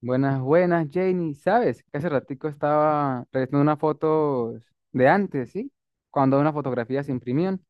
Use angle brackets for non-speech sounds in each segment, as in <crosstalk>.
Buenas, buenas, Janie. ¿Sabes? Que hace ratico estaba revisando unas fotos de antes, ¿sí? Cuando unas fotografías se imprimían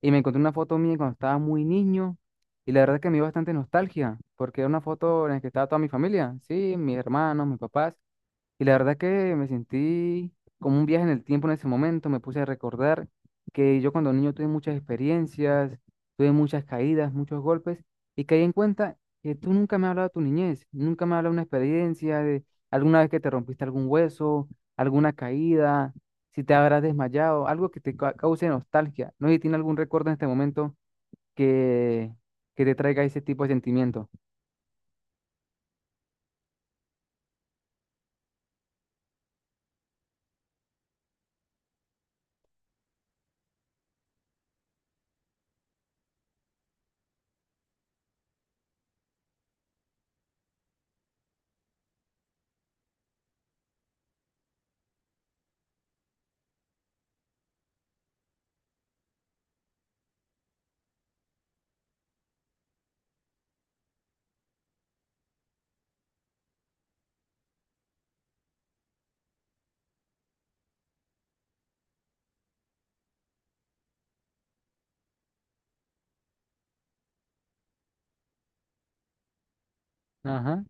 y me encontré una foto mía cuando estaba muy niño y la verdad que me dio bastante nostalgia porque era una foto en la que estaba toda mi familia, ¿sí? Mis hermanos, mis papás. Y la verdad que me sentí como un viaje en el tiempo en ese momento. Me puse a recordar que yo cuando niño tuve muchas experiencias, tuve muchas caídas, muchos golpes, y caí en cuenta que tú nunca me has hablado de tu niñez, nunca me has hablado de una experiencia, de alguna vez que te rompiste algún hueso, alguna caída, si te habrás desmayado, algo que cause nostalgia. No sé si tiene algún recuerdo en este momento que, que te traiga ese tipo de sentimiento. Ajá.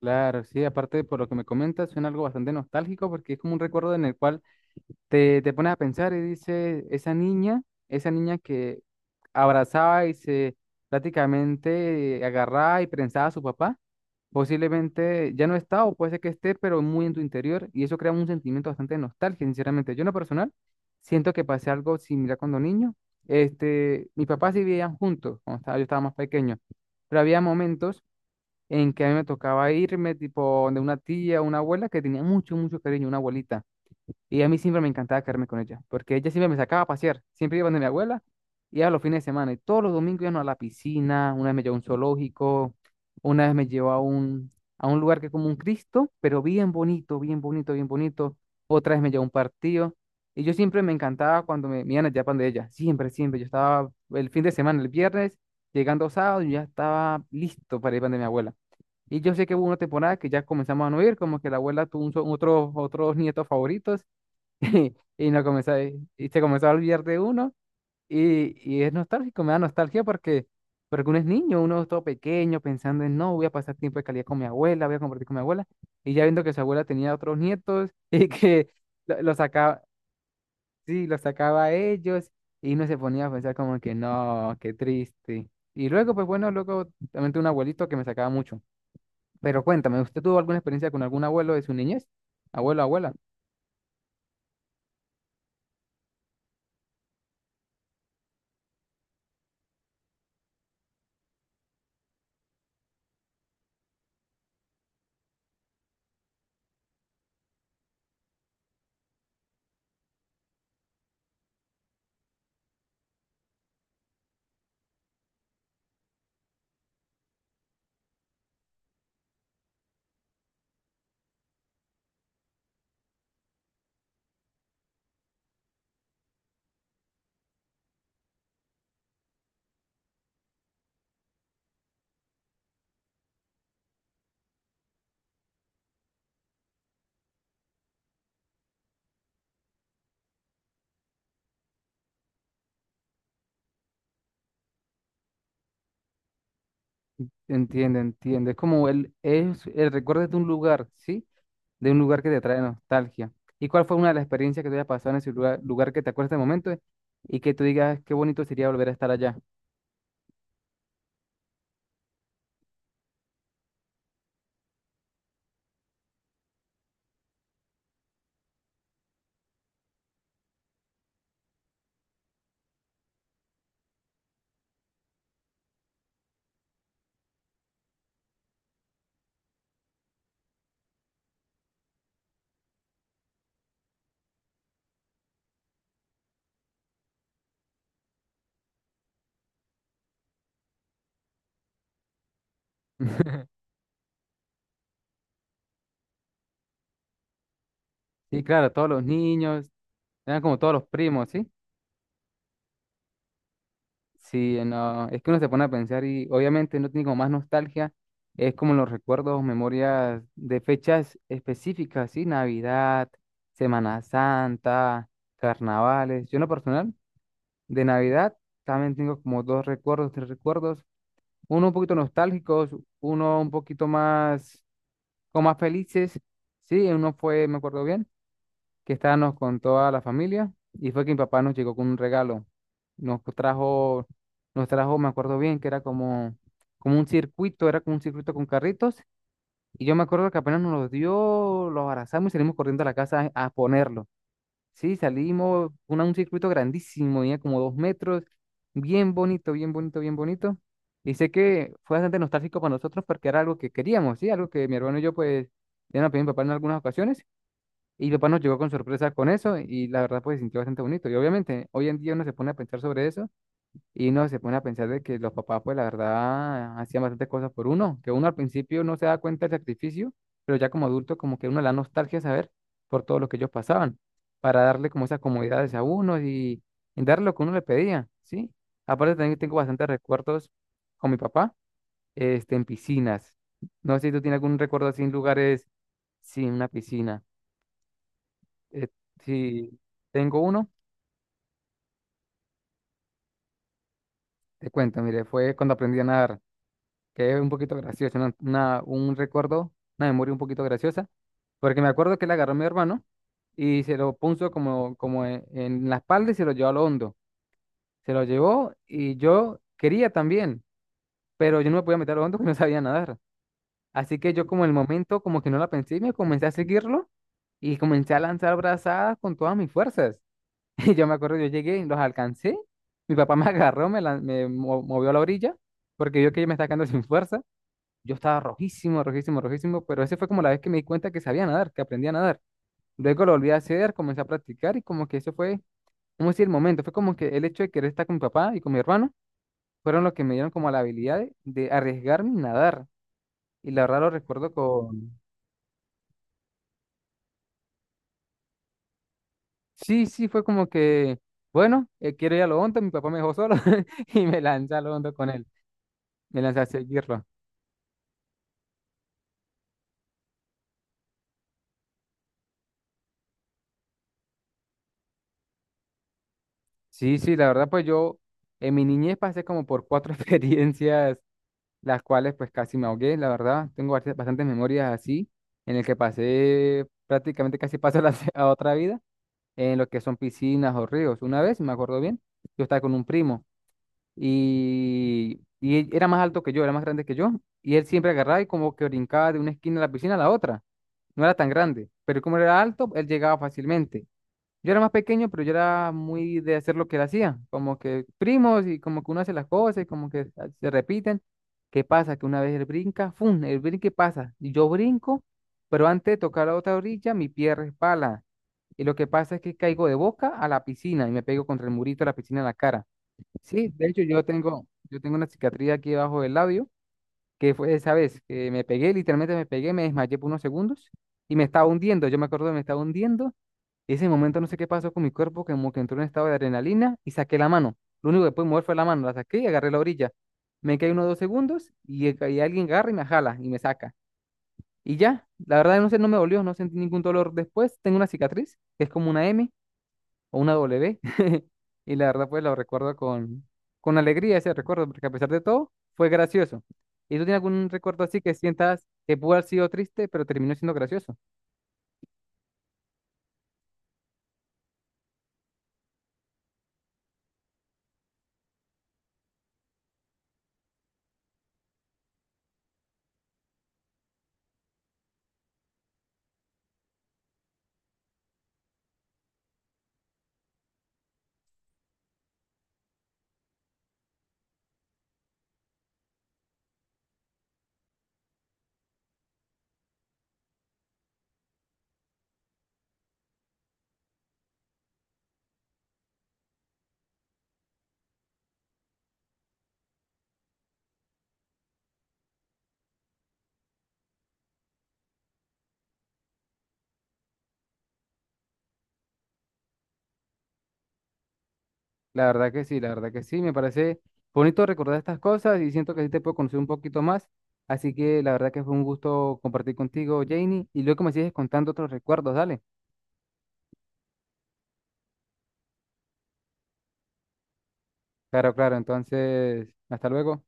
Claro, sí, aparte por lo que me comentas, suena algo bastante nostálgico porque es como un recuerdo en el cual te pones a pensar y dices, esa niña que abrazaba y se prácticamente agarraba y prensaba a su papá, posiblemente ya no está o puede ser que esté, pero muy en tu interior y eso crea un sentimiento bastante de nostalgia, sinceramente. Yo en lo personal siento que pasé algo similar cuando niño. Este, mis papás sí vivían juntos cuando estaba, yo estaba más pequeño, pero había momentos en que a mí me tocaba irme tipo de una tía, una abuela que tenía mucho, mucho cariño, una abuelita. Y a mí siempre me encantaba quedarme con ella, porque ella siempre me sacaba a pasear, siempre iba donde mi abuela, iba los fines de semana y todos los domingos íbamos a la piscina, una vez me llevó a un zoológico, una vez me llevó a a un lugar que es como un Cristo, pero bien bonito, bien bonito, bien bonito, otra vez me llevó a un partido. Y yo siempre me encantaba cuando me iban allá para de ella, siempre, siempre. Yo estaba el fin de semana, el viernes, llegando sábado, yo ya estaba listo para ir para de mi abuela. Y yo sé que hubo una temporada que ya comenzamos a no ir, como que la abuela tuvo otros nietos favoritos <laughs> y no comenzó, a- y se comenzó a olvidar de uno. Y es nostálgico, me da nostalgia porque, porque uno es niño, uno es todo pequeño, pensando en no, voy a pasar tiempo de calidad con mi abuela, voy a compartir con mi abuela. Y ya viendo que su abuela tenía otros nietos <laughs> y que los sacaba, sí, los sacaba a ellos y uno se ponía a pensar como que no, qué triste. Y luego, pues bueno, luego también tuve un abuelito que me sacaba mucho pero cuéntame, ¿usted tuvo alguna experiencia con algún abuelo de su niñez? Abuelo, abuela. Entiende, entiende. Es como el, es el recuerdo de un lugar, ¿sí? De un lugar que te trae nostalgia. ¿Y cuál fue una de las experiencias que te haya pasado en ese lugar, lugar que te acuerdas de momento y que tú digas qué bonito sería volver a estar allá? <laughs> Sí, claro, todos los niños, eran como todos los primos, ¿sí? Sí, no, es que uno se pone a pensar y obviamente no tiene como más nostalgia, es como los recuerdos, memorias de fechas específicas, ¿sí? Navidad, Semana Santa, carnavales. Yo en lo personal, de Navidad también tengo como dos recuerdos, tres recuerdos, uno un poquito nostálgicos, uno un poquito más, como más felices, sí, uno fue, me acuerdo bien que estábamos con toda la familia y fue que mi papá nos llegó con un regalo. Nos trajo, Nos trajo, me acuerdo bien, que era como un circuito, era como un circuito con carritos. Y yo me acuerdo que apenas nos lo dio, lo abrazamos y salimos corriendo a la casa a ponerlo. Sí, salimos, una, un circuito grandísimo, tenía como dos metros, bien bonito, bien bonito, bien bonito. Y sé que fue bastante nostálgico para nosotros porque era algo que queríamos, ¿sí? Algo que mi hermano y yo, pues, le a pedir a mi papá en algunas ocasiones. Y mi papá nos llegó con sorpresa con eso y la verdad pues se sintió bastante bonito. Y obviamente hoy en día uno se pone a pensar sobre eso y uno se pone a pensar de que los papás pues la verdad hacían bastantes cosas por uno, que uno al principio no se da cuenta del sacrificio, pero ya como adulto como que uno la nostalgia saber por todo lo que ellos pasaban, para darle como esas comodidades a uno y darle lo que uno le pedía, ¿sí? Aparte también tengo bastantes recuerdos con mi papá, este, en piscinas. No sé si tú tienes algún recuerdo así en lugares sin una piscina. Eh, si tengo uno, te cuento, mire, fue cuando aprendí a nadar, que es un poquito gracioso, un recuerdo, una memoria un poquito graciosa, porque me acuerdo que le agarró a mi hermano y se lo puso en la espalda y se lo llevó a lo hondo. Se lo llevó y yo quería también, pero yo no me podía meter a lo hondo <laughs> porque no sabía nadar. Así que yo como en el momento como que no la pensé y me comencé a seguirlo y comencé a lanzar brazadas con todas mis fuerzas. <laughs> Y yo me acuerdo, yo llegué y los alcancé. Mi papá me <laughs> agarró, me, lan- me mo- movió a la orilla porque vio que yo me estaba quedando sin fuerza. Yo estaba rojísimo, rojísimo, rojísimo, pero esa fue como la vez que me di cuenta que sabía nadar, que aprendía a nadar. Luego lo volví a hacer, comencé a practicar y como que eso fue, vamos a decir, el momento. Fue como que el hecho de querer estar con mi papá y con mi hermano fueron los que me dieron como la habilidad de arriesgarme y nadar. Y la verdad lo recuerdo con... Sí, sí, fue como que, bueno, quiero ir a lo hondo, mi papá me dejó solo <laughs> y me lancé a lo hondo con él. Me lancé a seguirlo. Sí, sí, la verdad, pues yo en mi niñez pasé como por cuatro <laughs> experiencias, las cuales pues casi me ahogué, la verdad. Tengo bastantes memorias así, en el que pasé prácticamente casi paso <laughs> a otra vida, en lo que son piscinas o ríos. Una vez, si me acuerdo bien, yo estaba con un primo y él era más alto que yo, era más grande que yo, y él siempre agarraba y como que brincaba de una esquina de la piscina a la otra. No era tan grande, pero como era alto, él llegaba fácilmente. Yo era más pequeño, pero yo era muy de hacer lo que él hacía, como que primos y como que uno hace las cosas y como que ah, se repiten. ¿Qué pasa? Que una vez él brinca, ¡fum! El brinque pasa. Y yo brinco, pero antes de tocar la otra orilla, mi pie resbala. Y lo que pasa es que caigo de boca a la piscina y me pego contra el murito de la piscina en la cara. Sí, de hecho yo tengo una cicatriz aquí debajo del labio, que fue esa vez que me pegué, literalmente me pegué, me desmayé por unos segundos y me estaba hundiendo. Yo me acuerdo que me estaba hundiendo ese momento no sé qué pasó con mi cuerpo, que como que entró en un estado de adrenalina y saqué la mano. Lo único que pude mover fue la mano, la saqué y agarré la orilla. Me caí unos dos segundos y alguien agarra y me jala y me saca. Y ya, la verdad no sé, no me dolió, no sentí ningún dolor después. Tengo una cicatriz, que es como una M o una W. <laughs> Y la verdad pues lo recuerdo con alegría ese recuerdo, porque a pesar de todo fue gracioso. ¿Y tú tienes algún recuerdo así que sientas que pudo haber sido triste, pero terminó siendo gracioso? La verdad que sí, la verdad que sí, me parece bonito recordar estas cosas y siento que sí te puedo conocer un poquito más. Así que la verdad que fue un gusto compartir contigo, Janie, y luego me sigues contando otros recuerdos, dale. Claro, claro, entonces, hasta luego.